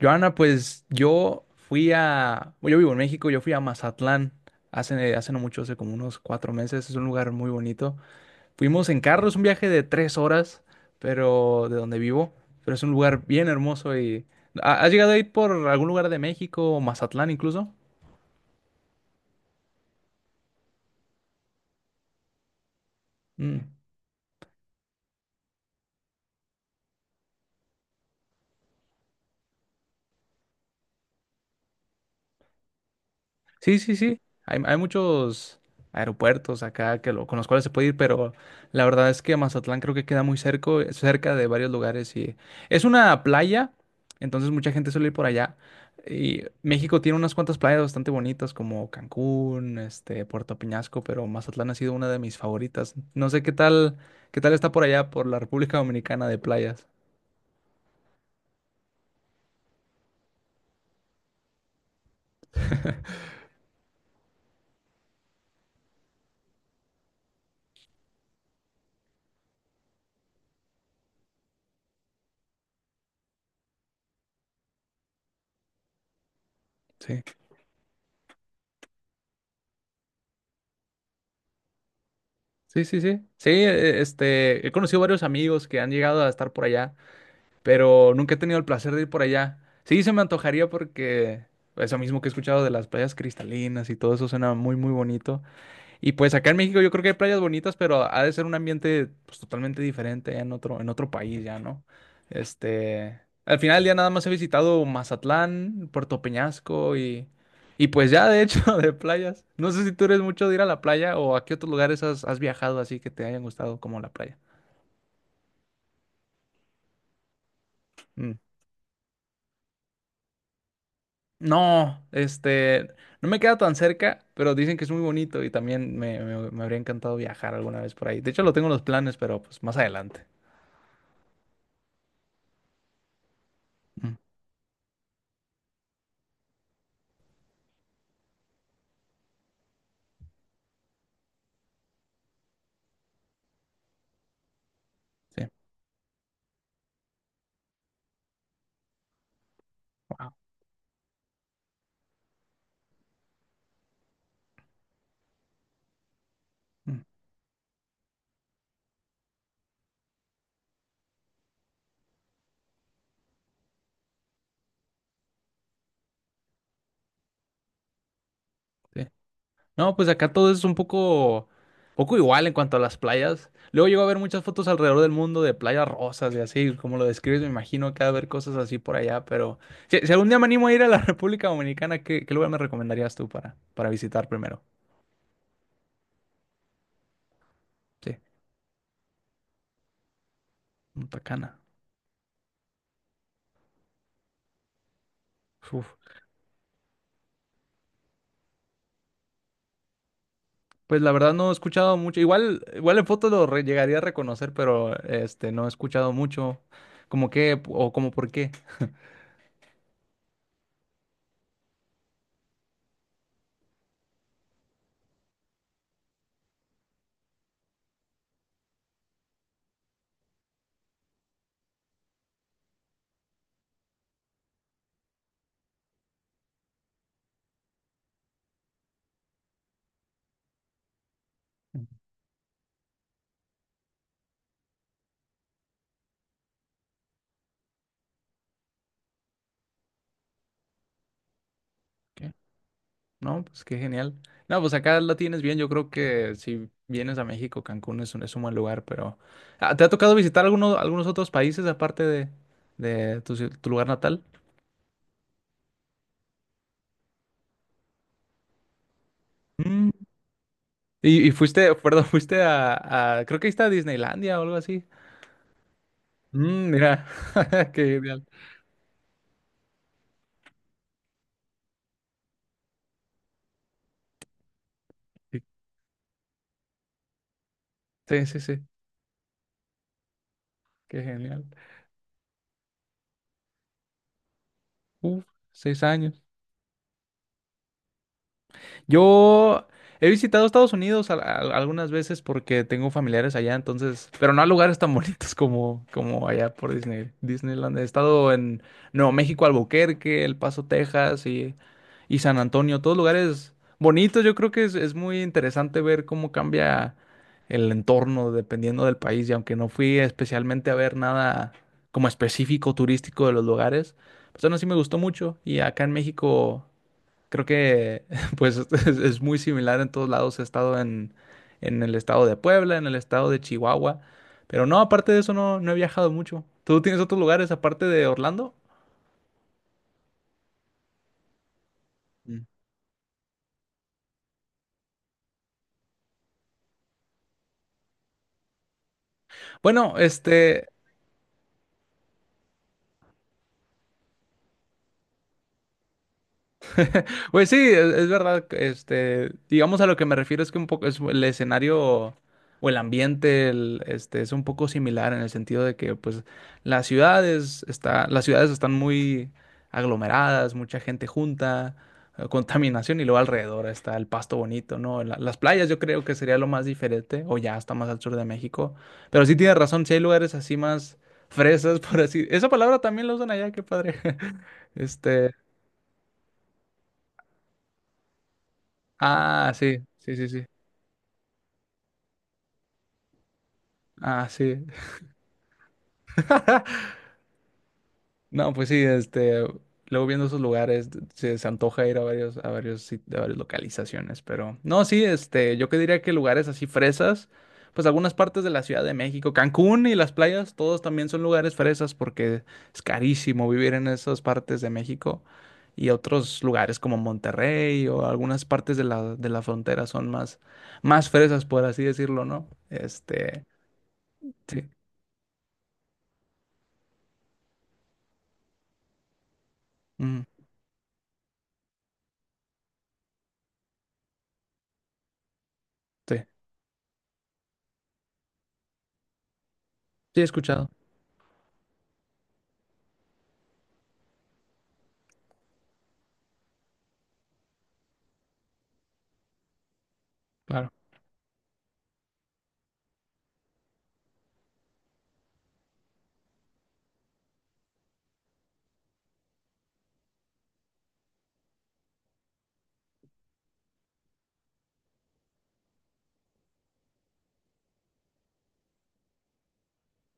Joana, pues yo fui a, bueno, yo vivo en México, yo fui a Mazatlán hace no mucho, hace como unos 4 meses, es un lugar muy bonito. Fuimos en carro, es un viaje de 3 horas, pero de donde vivo, pero es un lugar bien hermoso y... ¿Has llegado a ir por algún lugar de México o Mazatlán incluso? Mm. Sí, sí, sí. Hay muchos aeropuertos acá con los cuales se puede ir, pero la verdad es que Mazatlán creo que queda muy cerca, cerca de varios lugares y es una playa, entonces mucha gente suele ir por allá. Y México tiene unas cuantas playas bastante bonitas como Cancún, Puerto Peñasco, pero Mazatlán ha sido una de mis favoritas. No sé qué tal está por allá, por la República Dominicana de playas. Sí. Sí, sí, sí. Sí, he conocido varios amigos que han llegado a estar por allá. Pero nunca he tenido el placer de ir por allá. Sí, se me antojaría porque eso mismo que he escuchado de las playas cristalinas y todo eso suena muy, muy bonito. Y pues acá en México yo creo que hay playas bonitas, pero ha de ser un ambiente pues, totalmente diferente en otro país ya, ¿no? Este, Al final ya nada más he visitado Mazatlán, Puerto Peñasco y, pues ya de hecho de playas. No sé si tú eres mucho de ir a la playa o a qué otros lugares has viajado así que te hayan gustado como la playa. Mm. No, no me queda tan cerca, pero dicen que es muy bonito y también me habría encantado viajar alguna vez por ahí. De hecho, lo tengo en los planes, pero pues más adelante. Mm, sí, wow. Mm, sí. No, pues acá todo es un poco igual en cuanto a las playas. Luego llego a ver muchas fotos alrededor del mundo de playas rosas y así, como lo describes, me imagino que ha de haber cosas así por allá, pero si algún día me animo a ir a la República Dominicana, ¿qué lugar me recomendarías tú para visitar primero? Sí, Punta Cana. Uf. Pues la verdad no he escuchado mucho. Igual en foto llegaría a reconocer, pero no he escuchado mucho. ¿Como qué? O como por qué. Ok. No, pues qué genial. No, pues acá la tienes bien. Yo creo que si vienes a México, Cancún es un buen lugar, pero Ah, ¿te ha tocado visitar algunos otros países aparte de tu lugar natal? Mm. Y fuiste, perdón, fuiste creo que ahí está Disneylandia o algo así. Mm, mira, qué genial. Sí, sí, sí, qué genial. Uf, 6 años. Yo he visitado Estados Unidos algunas veces porque tengo familiares allá, entonces, pero no a lugares tan bonitos como allá por Disney, Disneyland. He estado en Nuevo México, Albuquerque, El Paso, Texas y San Antonio, todos lugares bonitos. Yo creo que es muy interesante ver cómo cambia el entorno dependiendo del país. Y aunque no fui especialmente a ver nada como específico turístico de los lugares, pues aún así me gustó mucho. Y acá en México. Creo que pues es muy similar en todos lados. He estado en el estado de Puebla, en el estado de Chihuahua, pero no, aparte de eso no he viajado mucho. ¿Tú tienes otros lugares aparte de Orlando? Mm. Bueno. Pues sí, es verdad, digamos a lo que me refiero es que un poco es el escenario o el ambiente, es un poco similar en el sentido de que, pues, las ciudades están muy aglomeradas, mucha gente junta, contaminación y luego alrededor está el pasto bonito, ¿no? Las playas yo creo que sería lo más diferente o ya está más al sur de México, pero sí tienes razón, si hay lugares así más fresas, por así, esa palabra también la usan allá, qué padre, este, ah, sí, sí, sí, sí. Ah, sí. No, pues sí, luego viendo esos lugares, se antoja ir a varias localizaciones, pero no, sí, yo que diría que lugares así fresas, pues algunas partes de la Ciudad de México, Cancún y las playas, todos también son lugares fresas porque es carísimo vivir en esas partes de México y otros lugares como Monterrey o algunas partes de la frontera son más fresas, por así decirlo, ¿no? Sí, ujú, sí, sí, he escuchado, claro.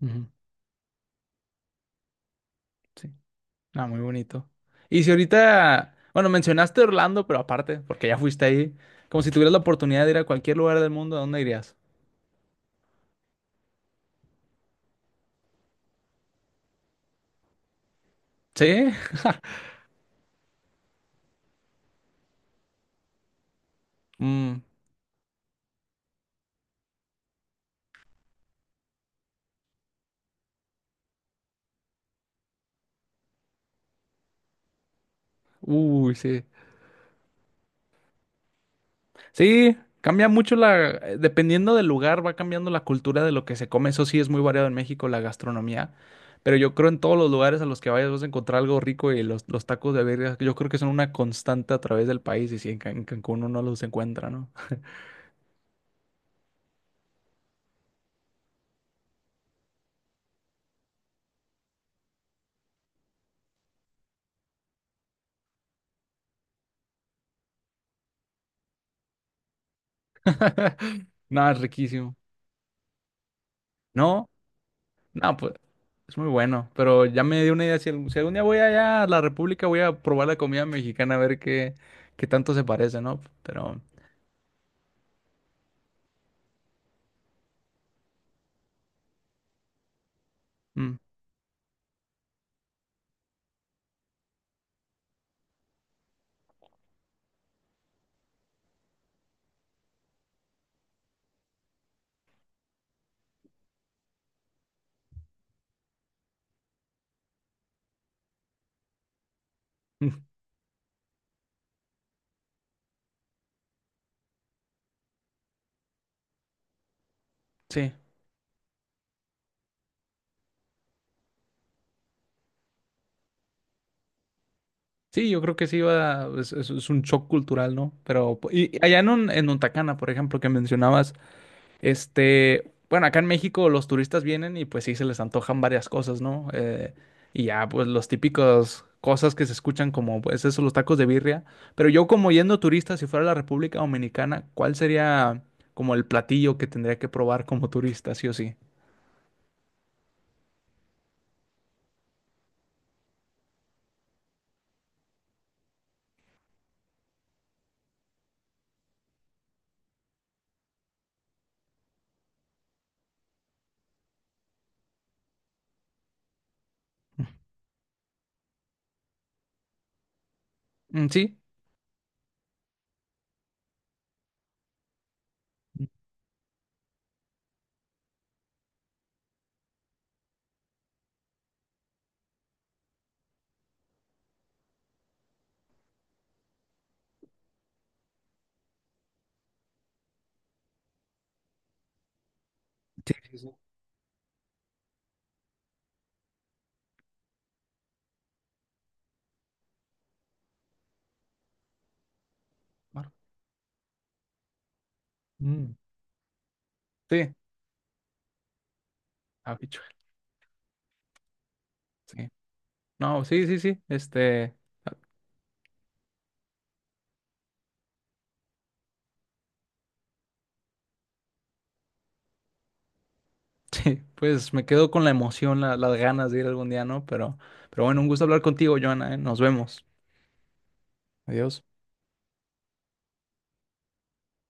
Ujú. Sí. Ah, muy bonito. Y si ahorita, bueno, mencionaste Orlando, pero aparte, porque ya fuiste ahí, como si tuvieras la oportunidad de ir a cualquier lugar del mundo, ¿a dónde irías? ¿Sí? Mm. Uy, sí. Sí, cambia mucho dependiendo del lugar, va cambiando la cultura de lo que se come. Eso sí es muy variado en México, la gastronomía. Pero yo creo en todos los lugares a los que vayas vas a encontrar algo rico y los tacos de birria, yo creo que son una constante a través del país y si en Cancún uno los encuentra, ¿no? Nada, es riquísimo. No, no, pues es muy bueno, pero ya me dio una idea. Si algún día voy allá a la República, voy a probar la comida mexicana a ver qué, tanto se parece, ¿no? Pero mm, mm, sí, sí, yo creo que sí va, es un shock cultural, ¿no? Pero y allá en Untacana, por ejemplo, que mencionabas, bueno, acá en México los turistas vienen y pues sí se les antojan varias cosas, ¿no? Y ya, pues los típicos cosas que se escuchan como, pues eso, los tacos de birria. Pero yo como yendo turista, si fuera a la República Dominicana, ¿cuál sería como el platillo que tendría que probar como turista, sí o sí? Mm, ¿Sí? Sí, sí, sí. Mar- Mm. Sí. Ah, sí. No, sí, sí, sí. Sí, pues me quedo con la emoción, las ganas de ir algún día, ¿no? Pero bueno, un gusto hablar contigo, Joana, ¿eh? Nos vemos. Adiós.